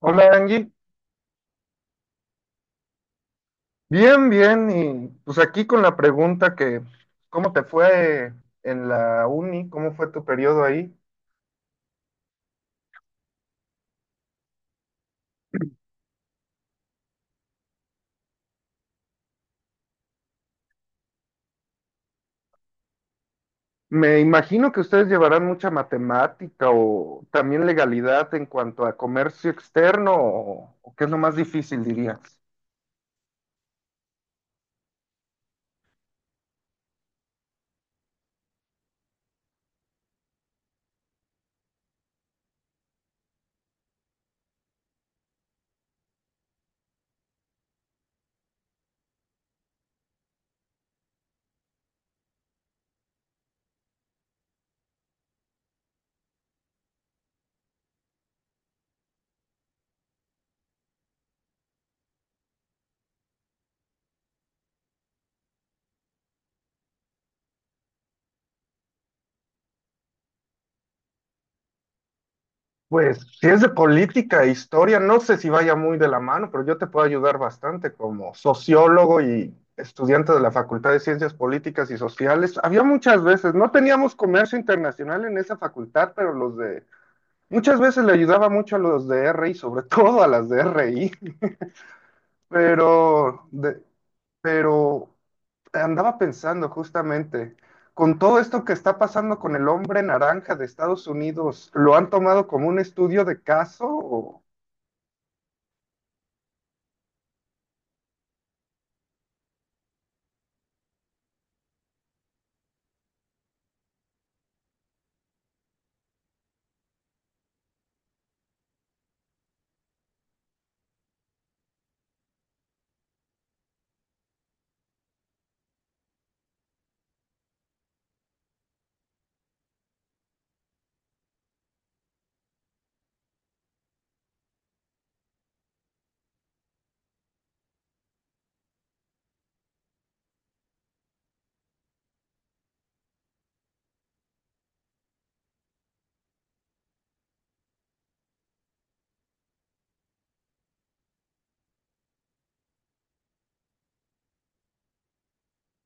Hola Angie, bien, bien, y pues aquí con la pregunta que, ¿cómo te fue en la uni? ¿Cómo fue tu periodo ahí? Me imagino que ustedes llevarán mucha matemática o también legalidad en cuanto a comercio externo, o qué es lo más difícil, dirías. Pues si es de política e historia, no sé si vaya muy de la mano, pero yo te puedo ayudar bastante como sociólogo y estudiante de la Facultad de Ciencias Políticas y Sociales. Había muchas veces, no teníamos comercio internacional en esa facultad, pero los de, muchas veces le ayudaba mucho a los de RI, sobre todo a las de RI, pero de- pero andaba pensando justamente, con todo esto que está pasando con el hombre naranja de Estados Unidos, ¿lo han tomado como un estudio de caso? O,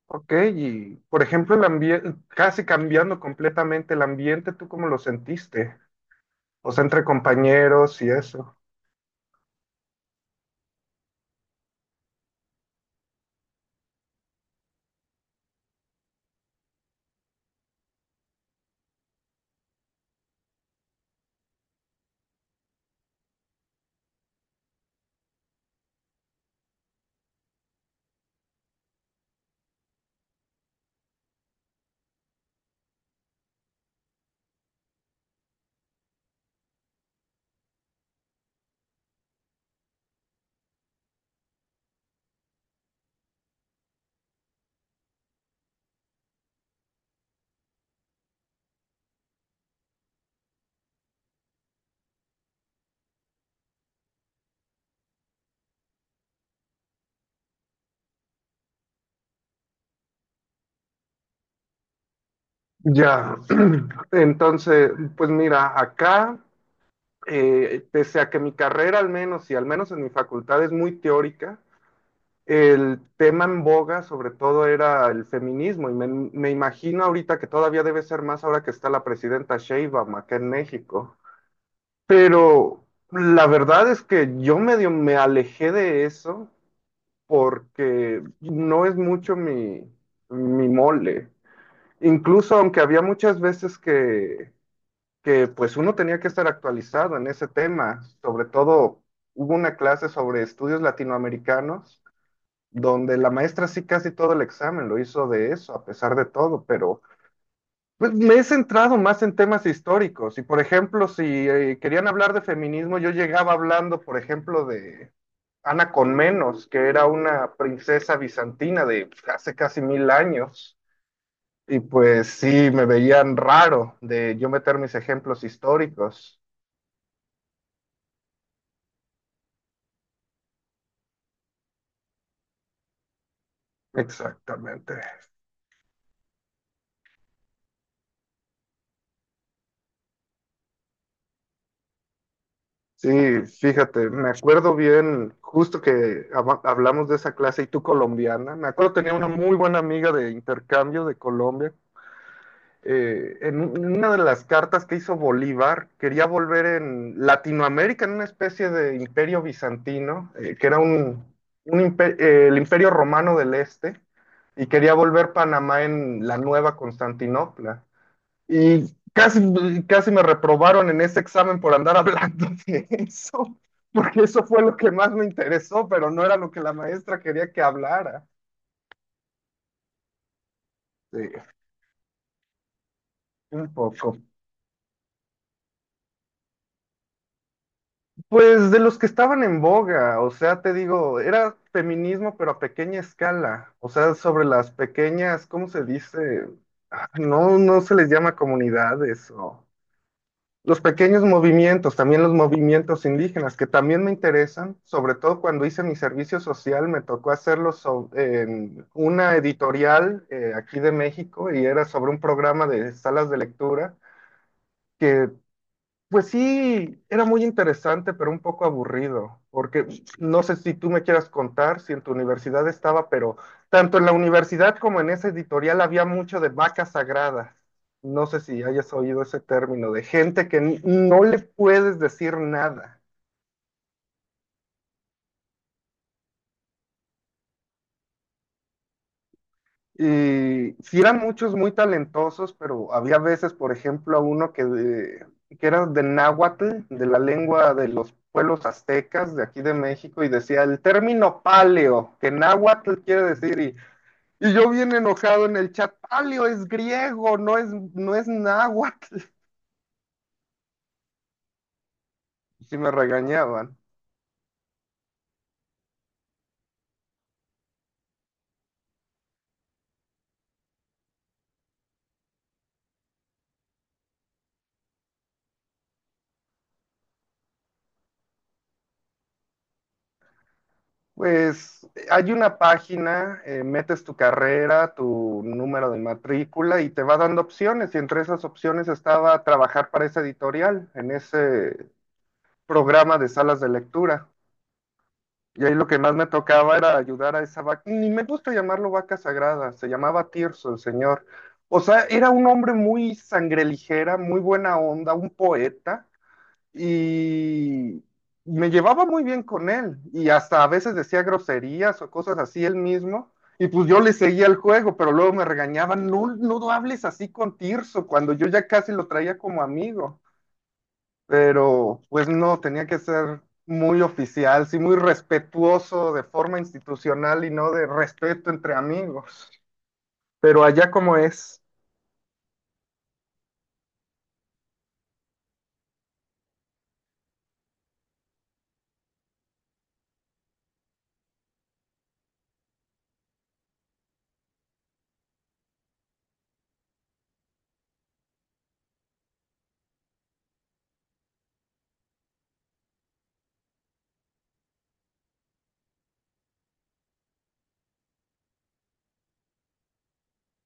ok, y por ejemplo, el ambiente, casi cambiando completamente el ambiente, ¿tú cómo lo sentiste? O sea, entre compañeros y eso. Ya, entonces, pues mira, acá, pese a que mi carrera al menos, y al menos en mi facultad es muy teórica, el tema en boga sobre todo era el feminismo y me imagino ahorita que todavía debe ser más ahora que está la presidenta Sheinbaum acá en México. Pero la verdad es que yo medio me alejé de eso porque no es mucho mi mole. Incluso aunque había muchas veces que pues uno tenía que estar actualizado en ese tema, sobre todo hubo una clase sobre estudios latinoamericanos donde la maestra sí casi todo el examen lo hizo de eso, a pesar de todo, pero pues, me he centrado más en temas históricos. Y por ejemplo, si querían hablar de feminismo, yo llegaba hablando, por ejemplo, de Ana Conmenos, que era una princesa bizantina de hace casi mil años. Y pues sí, me veían raro de yo meter mis ejemplos históricos. Exactamente. Sí, fíjate, me acuerdo bien, justo que hablamos de esa clase y tú colombiana, me acuerdo tenía una muy buena amiga de intercambio de Colombia, en una de las cartas que hizo Bolívar, quería volver en Latinoamérica, en una especie de imperio bizantino, que era un, el imperio romano del este, y quería volver Panamá en la nueva Constantinopla. Y casi, casi me reprobaron en ese examen por andar hablando de eso, porque eso fue lo que más me interesó, pero no era lo que la maestra quería que hablara. Sí, un poco. Pues de los que estaban en boga, o sea, te digo, era feminismo, pero a pequeña escala, o sea, sobre las pequeñas, ¿cómo se dice? Ah, no, no se les llama comunidades o los pequeños movimientos, también los movimientos indígenas, que también me interesan, sobre todo cuando hice mi servicio social, me tocó en una editorial aquí de México y era sobre un programa de salas de lectura que pues sí, era muy interesante, pero un poco aburrido, porque no sé si tú me quieras contar si en tu universidad estaba, pero tanto en la universidad como en esa editorial había mucho de vacas sagradas. No sé si hayas oído ese término, de gente que no le puedes decir nada. Y sí eran muchos muy talentosos, pero había veces, por ejemplo, a uno que era de náhuatl, de la lengua de los pueblos aztecas de aquí de México, y decía el término paleo, que náhuatl quiere decir, y yo bien enojado en el chat, paleo es griego, no es, no es náhuatl. Y sí me regañaban. Pues hay una página, metes tu carrera, tu número de matrícula y te va dando opciones. Y entre esas opciones estaba trabajar para esa editorial, en ese programa de salas de lectura. Y ahí lo que más me tocaba era ayudar a esa vaca, ni me gusta llamarlo vaca sagrada, se llamaba Tirso el señor. O sea, era un hombre muy sangre ligera, muy buena onda, un poeta y me llevaba muy bien con él y hasta a veces decía groserías o cosas así él mismo y pues yo le seguía el juego, pero luego me regañaban, no, no hables así con Tirso cuando yo ya casi lo traía como amigo, pero pues no, tenía que ser muy oficial, sí, muy respetuoso de forma institucional y no de respeto entre amigos, pero allá como es.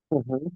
Ujú.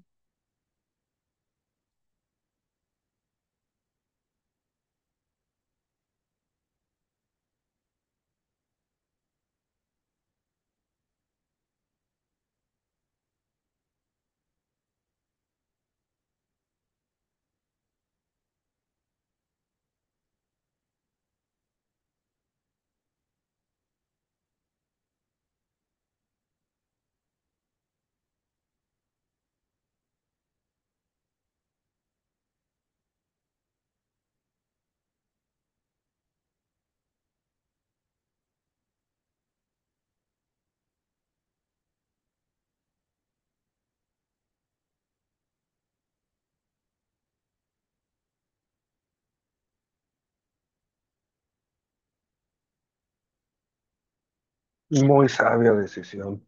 Muy sabia decisión.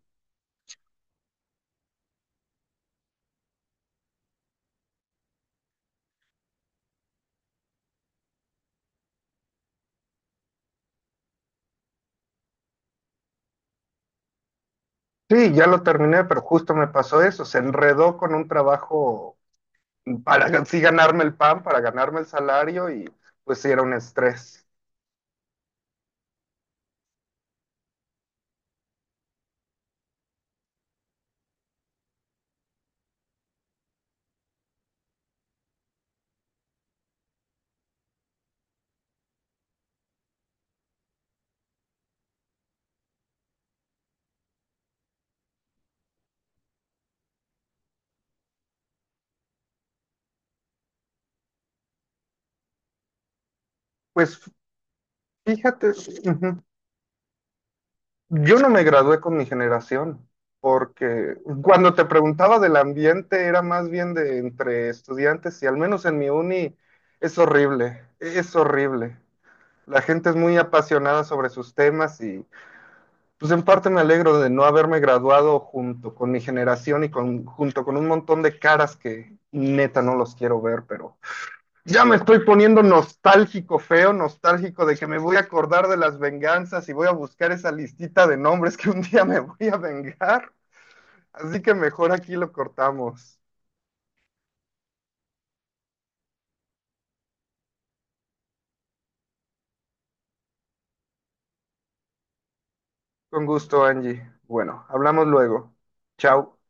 Sí, ya lo terminé, pero justo me pasó eso. Se enredó con un trabajo para sí ganarme el pan, para ganarme el salario y pues sí era un estrés. Pues fíjate, ujú, yo no me gradué con mi generación, porque cuando te preguntaba del ambiente era más bien de entre estudiantes y al menos en mi uni es horrible, es horrible. La gente es muy apasionada sobre sus temas y pues en parte me alegro de no haberme graduado junto con mi generación y con, junto con un montón de caras que neta no los quiero ver, pero ya me estoy poniendo nostálgico, feo, nostálgico de que me voy a acordar de las venganzas y voy a buscar esa listita de nombres que un día me voy a vengar. Así que mejor aquí lo cortamos. Con gusto, Angie. Bueno, hablamos luego. Chao.